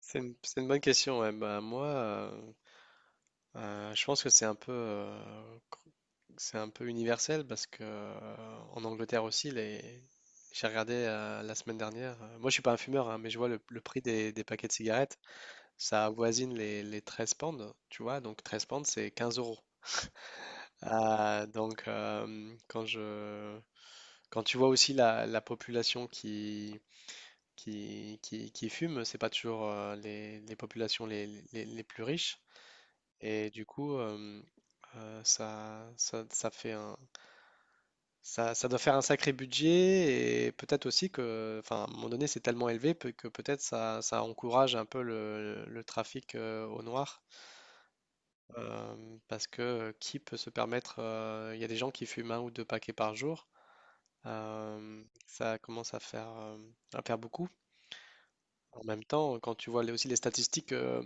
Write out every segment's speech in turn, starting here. C'est une bonne question. Ouais. Bah, moi, je pense que c'est un peu, cr- c'est un peu universel parce que en Angleterre aussi, les... j'ai regardé la semaine dernière. Moi, je suis pas un fumeur, hein, mais je vois le prix des paquets de cigarettes. Ça avoisine les 13 pounds, tu vois. Donc 13 pounds, c'est 15 euros. Ah, donc quand tu vois aussi la population qui fume, c'est pas toujours les populations les plus riches. Et du coup, euh, ça, ça, ça fait un, ça doit faire un sacré budget, et peut-être aussi que, enfin, à un moment donné, c'est tellement élevé que peut-être ça encourage un peu le trafic au noir. Parce que qui peut se permettre, il y a des gens qui fument un ou deux paquets par jour. Ça commence à faire beaucoup. En même temps, quand tu vois aussi les statistiques,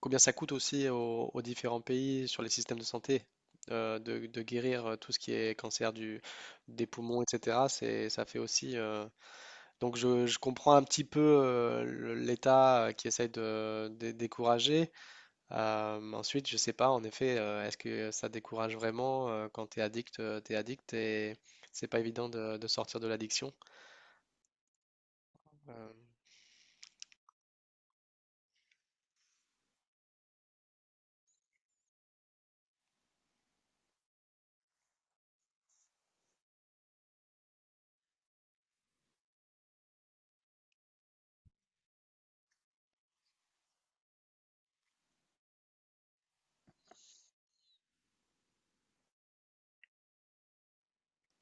combien ça coûte aussi aux différents pays sur les systèmes de santé, de guérir tout ce qui est cancer des poumons, etc. Ça fait aussi. Donc je comprends un petit peu l'État qui essaye de décourager. Ensuite, je sais pas, en effet, est-ce que ça décourage vraiment quand tu es addict et c'est pas évident de sortir de l'addiction. Euh,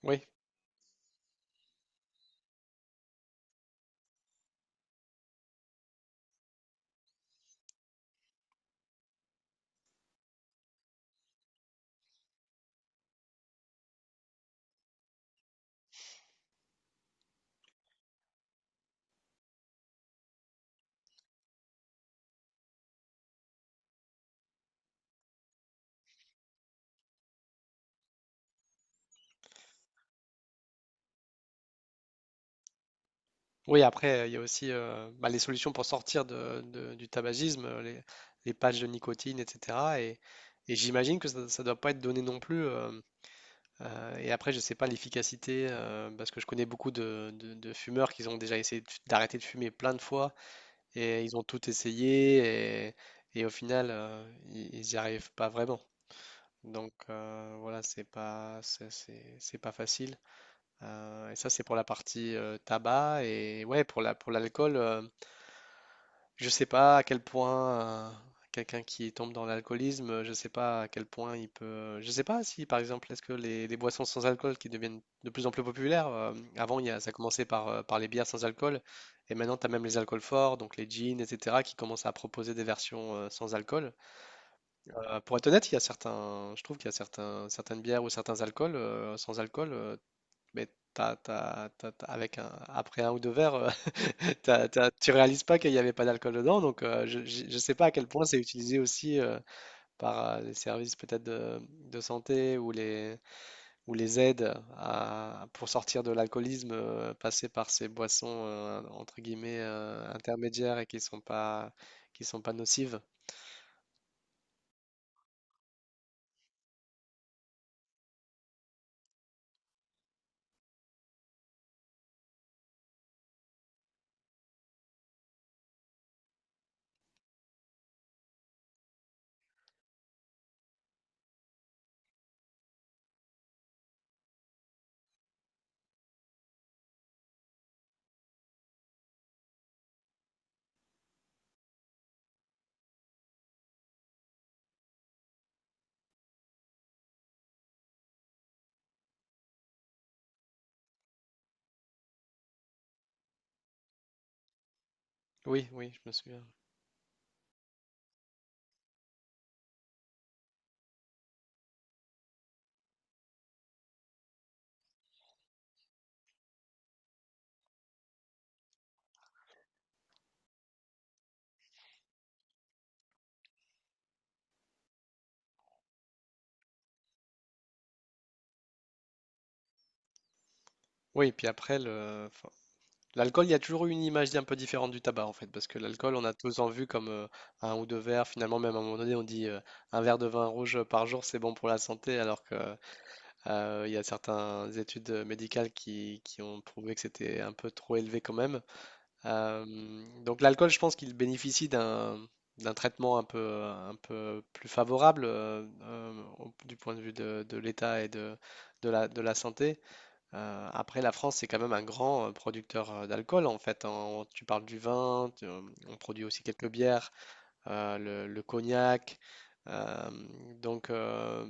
oui, oui, après, il y a aussi bah, les solutions pour sortir du tabagisme, les patchs de nicotine, etc. Et j'imagine que ça ne doit pas être donné non plus. Et après, je ne sais pas l'efficacité, parce que je connais beaucoup de fumeurs qui ont déjà essayé d'arrêter de fumer plein de fois, et ils ont tout essayé, et au final, ils n'y arrivent pas vraiment. Donc voilà, c'est pas facile. Et ça, c'est pour la partie tabac. Et ouais, pour l'alcool. Je sais pas à quel point euh, quelqu'un qui tombe dans l'alcoolisme, je sais pas à quel point il peut. Je sais pas si, par exemple, est-ce que les boissons sans alcool qui deviennent de plus en plus populaires, avant, ça commençait par, par les bières sans alcool, et maintenant, tu as même les alcools forts, donc les gins, etc., qui commencent à proposer des versions sans alcool. Pour être honnête, il y a certains, je trouve qu'il y a certaines bières ou certains alcools sans alcool, mais après un ou deux verres. Tu réalises pas qu'il n'y avait pas d'alcool dedans, donc je ne sais pas à quel point c'est utilisé aussi par les services peut-être de santé ou ou les aides pour sortir de l'alcoolisme, passer par ces boissons, entre guillemets, intermédiaires, et qui sont pas nocives. Oui, oui, je me souviens. Oui, puis après, enfin, l'alcool, il y a toujours eu une image un peu différente du tabac en fait, parce que l'alcool, on a tous en vu comme un ou deux verres. Finalement, même à un moment donné, on dit un verre de vin rouge par jour, c'est bon pour la santé, alors que il y a certaines études médicales qui ont prouvé que c'était un peu trop élevé quand même. Euh, donc l'alcool, je pense qu'il bénéficie d'un traitement un peu plus favorable, du point de vue de l'état et de la santé. Après, la France, c'est quand même un grand producteur d'alcool, en fait. Hein. Tu parles du vin, on produit aussi quelques bières, le cognac. euh, donc, euh,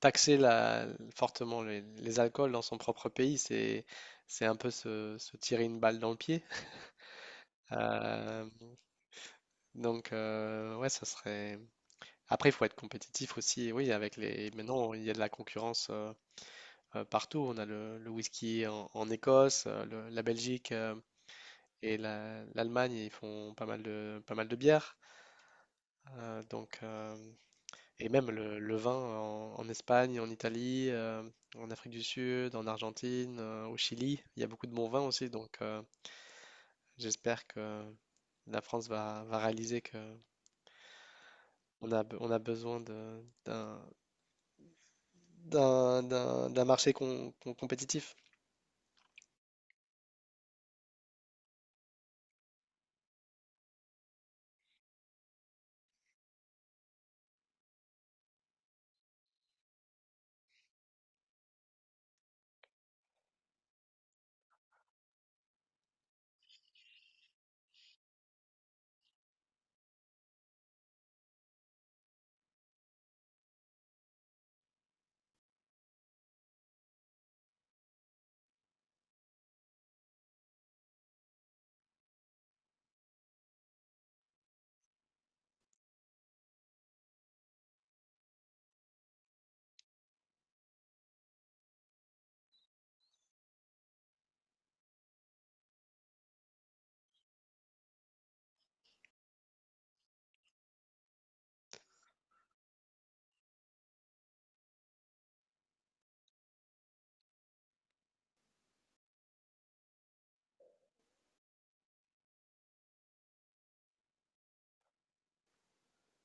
Taxer fortement les alcools dans son propre pays, c'est un peu se tirer une balle dans le pied. Euh, donc, ouais, ça serait. Après, il faut être compétitif aussi. Oui, avec les. Maintenant, il y a de la concurrence partout. On a le whisky en Écosse, la Belgique. Et l'Allemagne, ils font pas mal pas mal de bières. euh, donc, euh, et même le vin en Espagne, en Italie, en Afrique du Sud, en Argentine, au Chili, il y a beaucoup de bons vins aussi. Donc, j'espère que la France va réaliser que on a, on a besoin d'un marché compétitif.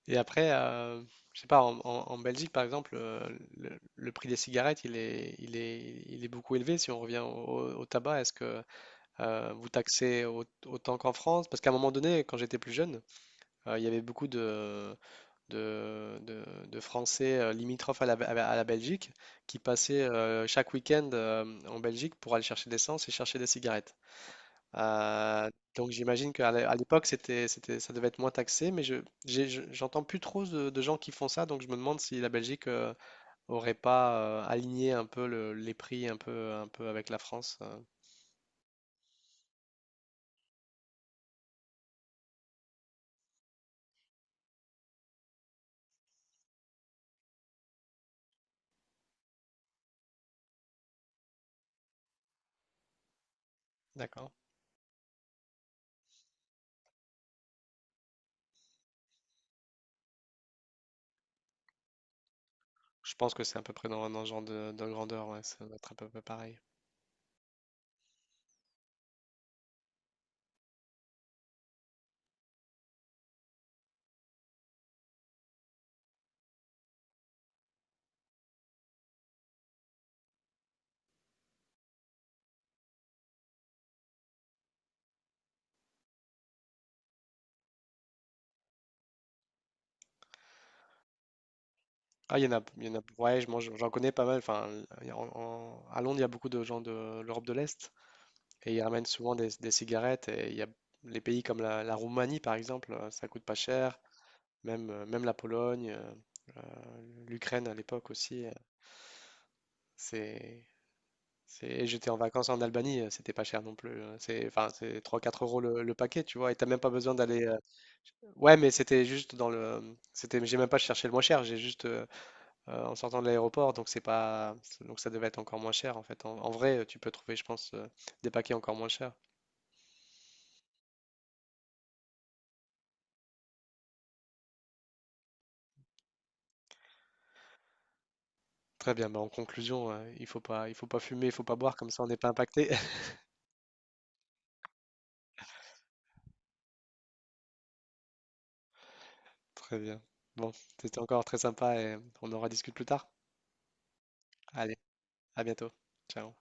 Et après, je sais pas, en Belgique par exemple, le prix des cigarettes, il est beaucoup élevé. Si on revient au tabac, est-ce que vous taxez autant qu'en France? Parce qu'à un moment donné, quand j'étais plus jeune, il y avait beaucoup de Français limitrophes à la Belgique qui passaient chaque week-end en Belgique pour aller chercher de l'essence et chercher des cigarettes. Donc j'imagine qu'à à l'époque, ça devait être moins taxé, mais j'entends plus trop de gens qui font ça, donc je me demande si la Belgique aurait pas aligné un peu les prix un peu avec la France. D'accord. Je pense que c'est à peu près dans ce genre de grandeur, ouais, ça doit être à peu près pareil. Ah, il y en a, il y en a, ouais, moi, j'en connais pas mal. Enfin, il y a- en- en- à Londres, il y a beaucoup de gens de l'Europe de l'Est, et ils ramènent souvent des cigarettes. Et il y a les pays comme la Roumanie, par exemple, ça coûte pas cher. Même la Pologne, l'Ukraine à l'époque aussi, c'est, c'est... et j'étais en vacances en Albanie, c'était pas cher non plus. C'est 3 4 euros le paquet, tu vois, et t'as même pas besoin d'aller... Ouais, mais c'était juste dans le... C'était... J'ai même pas cherché le moins cher, j'ai juste... en sortant de l'aéroport, donc c'est pas... Donc ça devait être encore moins cher, en fait. En vrai, tu peux trouver, je pense, des paquets encore moins chers. Très bien, bah en conclusion, il faut pas fumer, il faut pas boire, comme ça on n'est pas impacté. Très bien. Bon, c'était encore très sympa et on en rediscute plus tard. Allez, à bientôt. Ciao.